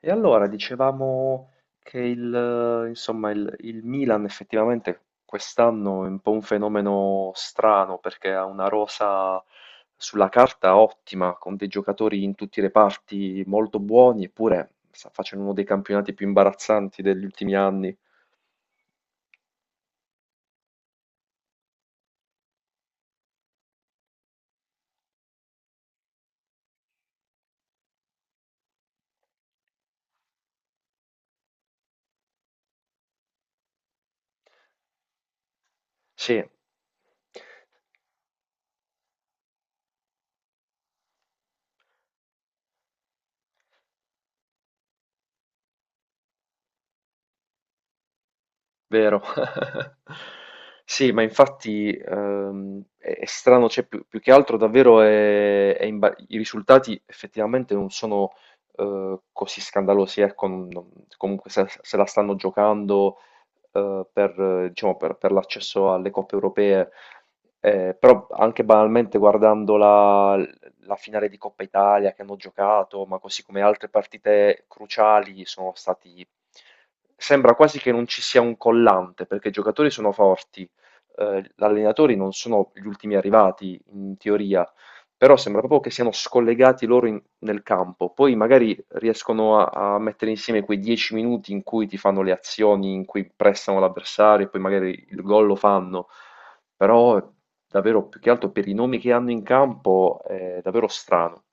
E allora dicevamo che insomma, il Milan effettivamente quest'anno è un po' un fenomeno strano perché ha una rosa sulla carta ottima, con dei giocatori in tutti i reparti molto buoni, eppure sta facendo uno dei campionati più imbarazzanti degli ultimi anni. Sì, vero. Sì, ma infatti è strano, cioè, più che altro davvero i risultati effettivamente non sono così scandalosi, ecco, comunque se la stanno giocando per, diciamo, per l'accesso alle coppe europee. Però anche banalmente guardando la finale di Coppa Italia che hanno giocato, ma così come altre partite cruciali, sono stati. Sembra quasi che non ci sia un collante, perché i giocatori sono forti, gli allenatori non sono gli ultimi arrivati in teoria, però sembra proprio che siano scollegati loro nel campo. Poi magari riescono a mettere insieme quei 10 minuti in cui ti fanno le azioni, in cui prestano l'avversario, e poi magari il gol lo fanno. Però davvero più che altro per i nomi che hanno in campo è davvero strano.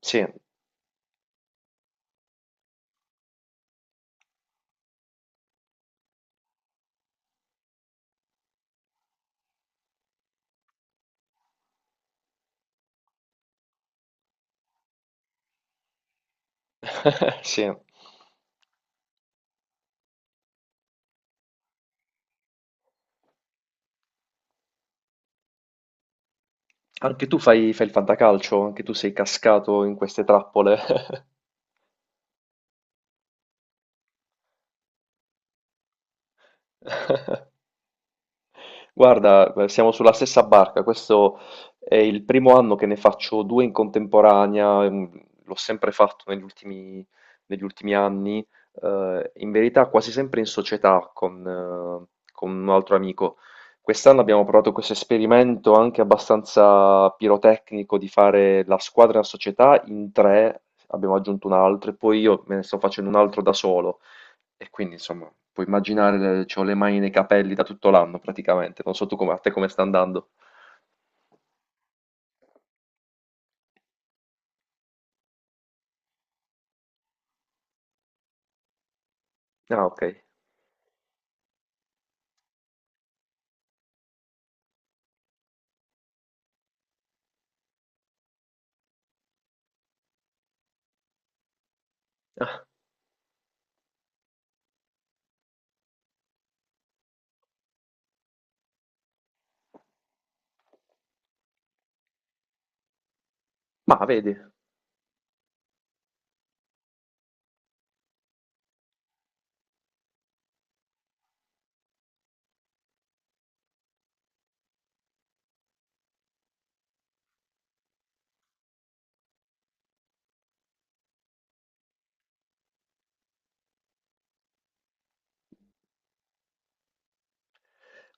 Sì. Sì. Anche tu fai il fantacalcio, anche tu sei cascato in queste trappole. Guarda, siamo sulla stessa barca. Questo è il primo anno che ne faccio due in contemporanea. L'ho sempre fatto negli ultimi anni, in verità quasi sempre in società con un altro amico. Quest'anno abbiamo provato questo esperimento anche abbastanza pirotecnico di fare la squadra e la società in tre. Abbiamo aggiunto un altro e poi io me ne sto facendo un altro da solo. E quindi, insomma, puoi immaginare, c'ho le mani nei capelli da tutto l'anno praticamente. Non so tu come, a te come sta andando. Ah, ok. Ma vedi,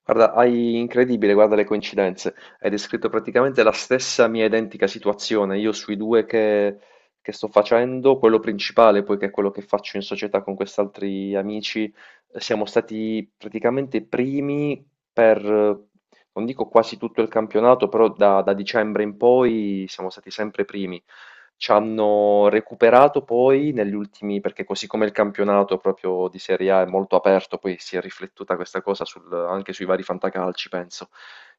guarda, hai incredibile, guarda le coincidenze. Hai descritto praticamente la stessa mia identica situazione. Io sui due che sto facendo, quello principale, poi che è quello che faccio in società con quest'altri amici, siamo stati praticamente i primi per, non dico quasi tutto il campionato, però da dicembre in poi siamo stati sempre primi. Ci hanno recuperato poi negli ultimi perché così come il campionato proprio di Serie A è molto aperto, poi si è riflettuta questa cosa anche sui vari fantacalci, penso.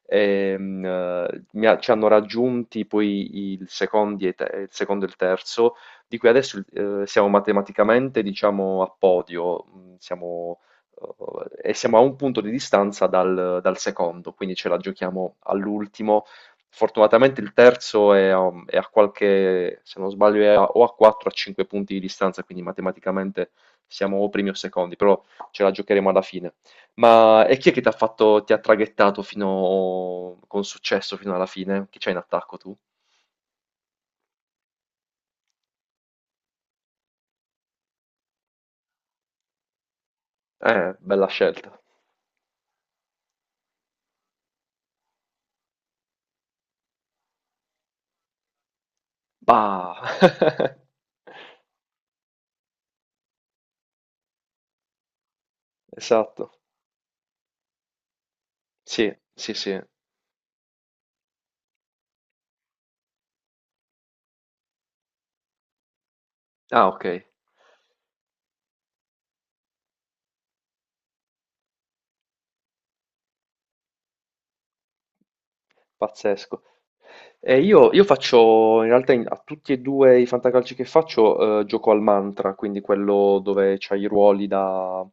Ci hanno raggiunti poi il secondi e il secondo e il terzo, di cui adesso siamo matematicamente, diciamo, a podio. Mm, Siamo E siamo a un punto di distanza dal secondo, quindi ce la giochiamo all'ultimo. Fortunatamente il terzo è a qualche, se non sbaglio è a o a 4 o a 5 punti di distanza, quindi matematicamente siamo o primi o secondi, però ce la giocheremo alla fine. Ma e chi è che t'ha fatto, ti ha traghettato fino con successo fino alla fine? Chi c'hai in attacco tu? Bella scelta. Bah! Esatto. Sì, sì, sì. Ah, okay. Pazzesco. Io faccio, in realtà a tutti e due i fantacalci che faccio, gioco al mantra, quindi quello dove c'hai i ruoli da.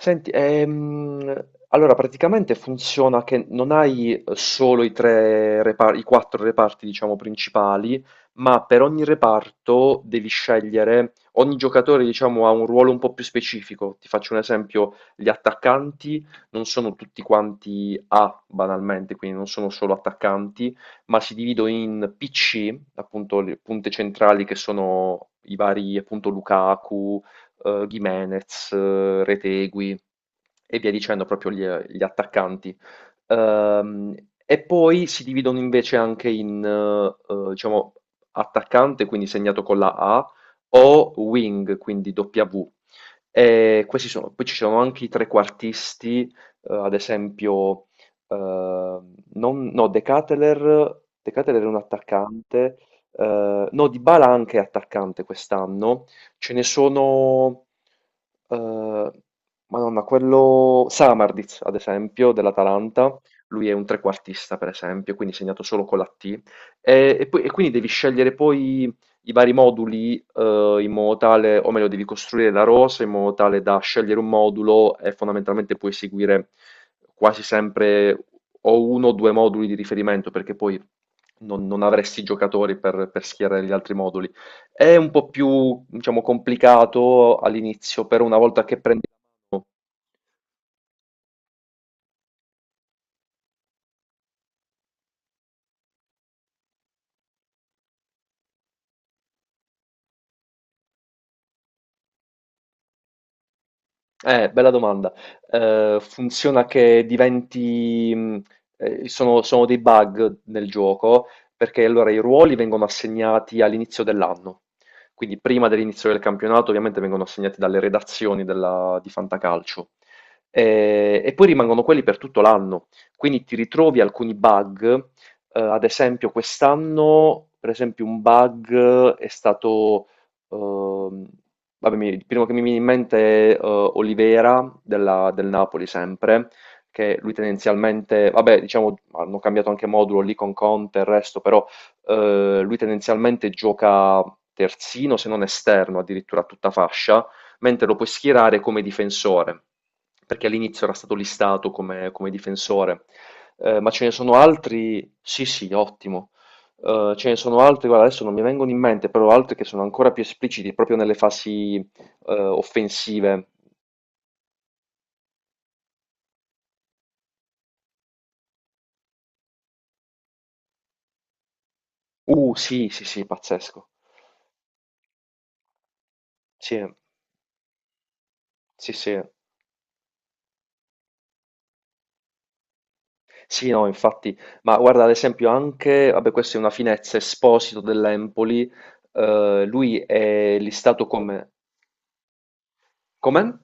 Senti, allora praticamente funziona che non hai solo i i quattro reparti, diciamo, principali, ma per ogni reparto devi scegliere. Ogni giocatore, diciamo, ha un ruolo un po' più specifico. Ti faccio un esempio, gli attaccanti non sono tutti quanti A, banalmente, quindi non sono solo attaccanti, ma si dividono in PC, appunto, le punte centrali che sono i vari, appunto, Lukaku, Gimenez, Retegui e via dicendo, proprio gli attaccanti. Ehm, e poi si dividono invece anche in, diciamo, attaccante, quindi segnato con la A, o wing, quindi W. E questi sono, poi ci sono anche i trequartisti, ad esempio, no, De Ketelaere, De Ketelaere è un attaccante, no, Dybala anche è attaccante quest'anno. Ce ne sono, eh, Madonna, quello Samarditz, ad esempio, dell'Atalanta, lui è un trequartista, per esempio, quindi segnato solo con la T. E quindi devi scegliere poi i vari moduli, in modo tale, o meglio, devi costruire la rosa in modo tale da scegliere un modulo e fondamentalmente puoi seguire quasi sempre o uno o due moduli di riferimento, perché poi non avresti giocatori per schierare gli altri moduli. È un po' più, diciamo, complicato all'inizio, però una volta che prendi. Bella domanda. Funziona che diventi. Sono dei bug nel gioco, perché allora i ruoli vengono assegnati all'inizio dell'anno. Quindi prima dell'inizio del campionato ovviamente vengono assegnati dalle redazioni di Fantacalcio. E poi rimangono quelli per tutto l'anno. Quindi ti ritrovi alcuni bug. Ad esempio quest'anno, per esempio, un bug è stato. Ehm, Vabbè, il primo che mi viene in mente è Olivera del Napoli sempre, che lui tendenzialmente, vabbè, diciamo, hanno cambiato anche modulo lì con Conte e il resto, però lui tendenzialmente gioca terzino, se non esterno, addirittura a tutta fascia, mentre lo puoi schierare come difensore, perché all'inizio era stato listato come, come difensore. Ma ce ne sono altri? Sì, sì, ottimo. Ce ne sono altri, guarda, adesso non mi vengono in mente, però altri che sono ancora più espliciti proprio nelle fasi offensive. Sì, sì, sì, pazzesco. Sì, sì, sì. Sì, no, infatti. Ma guarda, ad esempio anche, vabbè, questa è una finezza, Esposito dell'Empoli, lui è listato come. Come?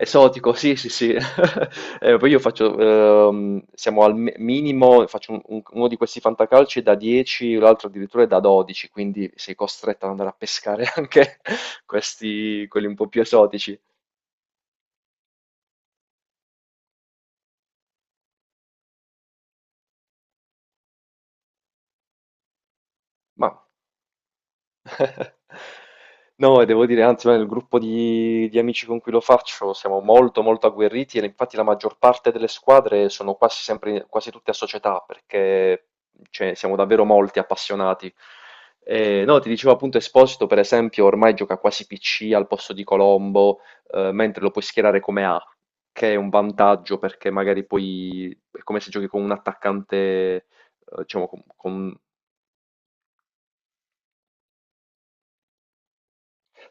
Esotico, sì, sì, sì. Poi io faccio, siamo al minimo, faccio uno di questi fantacalci da 10, l'altro addirittura è da 12, quindi sei costretto ad andare a pescare anche questi, quelli un po' più esotici. Ma. No, e devo dire, anzi, noi nel gruppo di amici con cui lo faccio siamo molto, molto agguerriti e infatti la maggior parte delle squadre sono quasi sempre, quasi tutte a società perché, cioè, siamo davvero molti appassionati. E, no, ti dicevo appunto Esposito, per esempio, ormai gioca quasi PC al posto di Colombo, mentre lo puoi schierare come A, che è un vantaggio perché magari poi è come se giochi con un attaccante, eh, diciamo, con.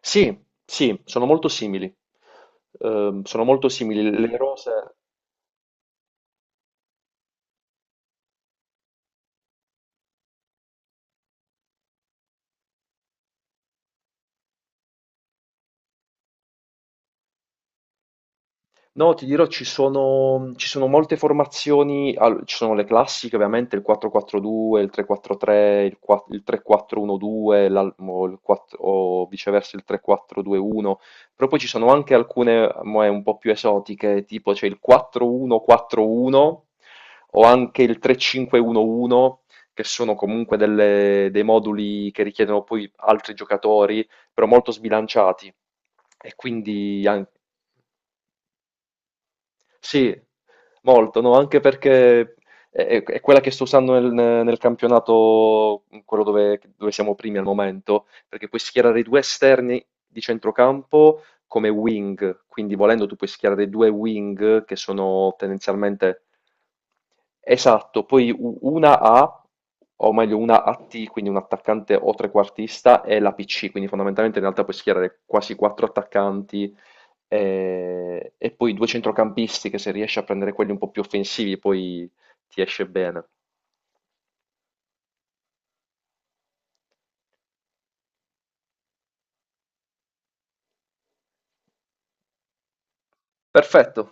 Sì, sì, sono molto simili. Sono molto simili. Le rose. No, ti dirò, ci sono molte formazioni, ci sono le classiche ovviamente, il 4-4-2, il 3-4-3, il 3-4-1-2, o viceversa il 3-4-2-1, però poi ci sono anche alcune un po' più esotiche, tipo c'è il 4-1-4-1 o anche il 3-5-1-1, che sono comunque dei moduli che richiedono poi altri giocatori, però molto sbilanciati. E quindi anche. Sì, molto, no, anche perché è quella che sto usando nel campionato, quello dove siamo primi al momento, perché puoi schierare i due esterni di centrocampo come wing, quindi volendo tu puoi schierare due wing che sono tendenzialmente. Esatto, poi una A, o meglio una AT, quindi un attaccante o trequartista, e la PC, quindi fondamentalmente in realtà puoi schierare quasi quattro attaccanti, e poi due centrocampisti che se riesci a prendere quelli un po' più offensivi poi ti esce bene. Perfetto.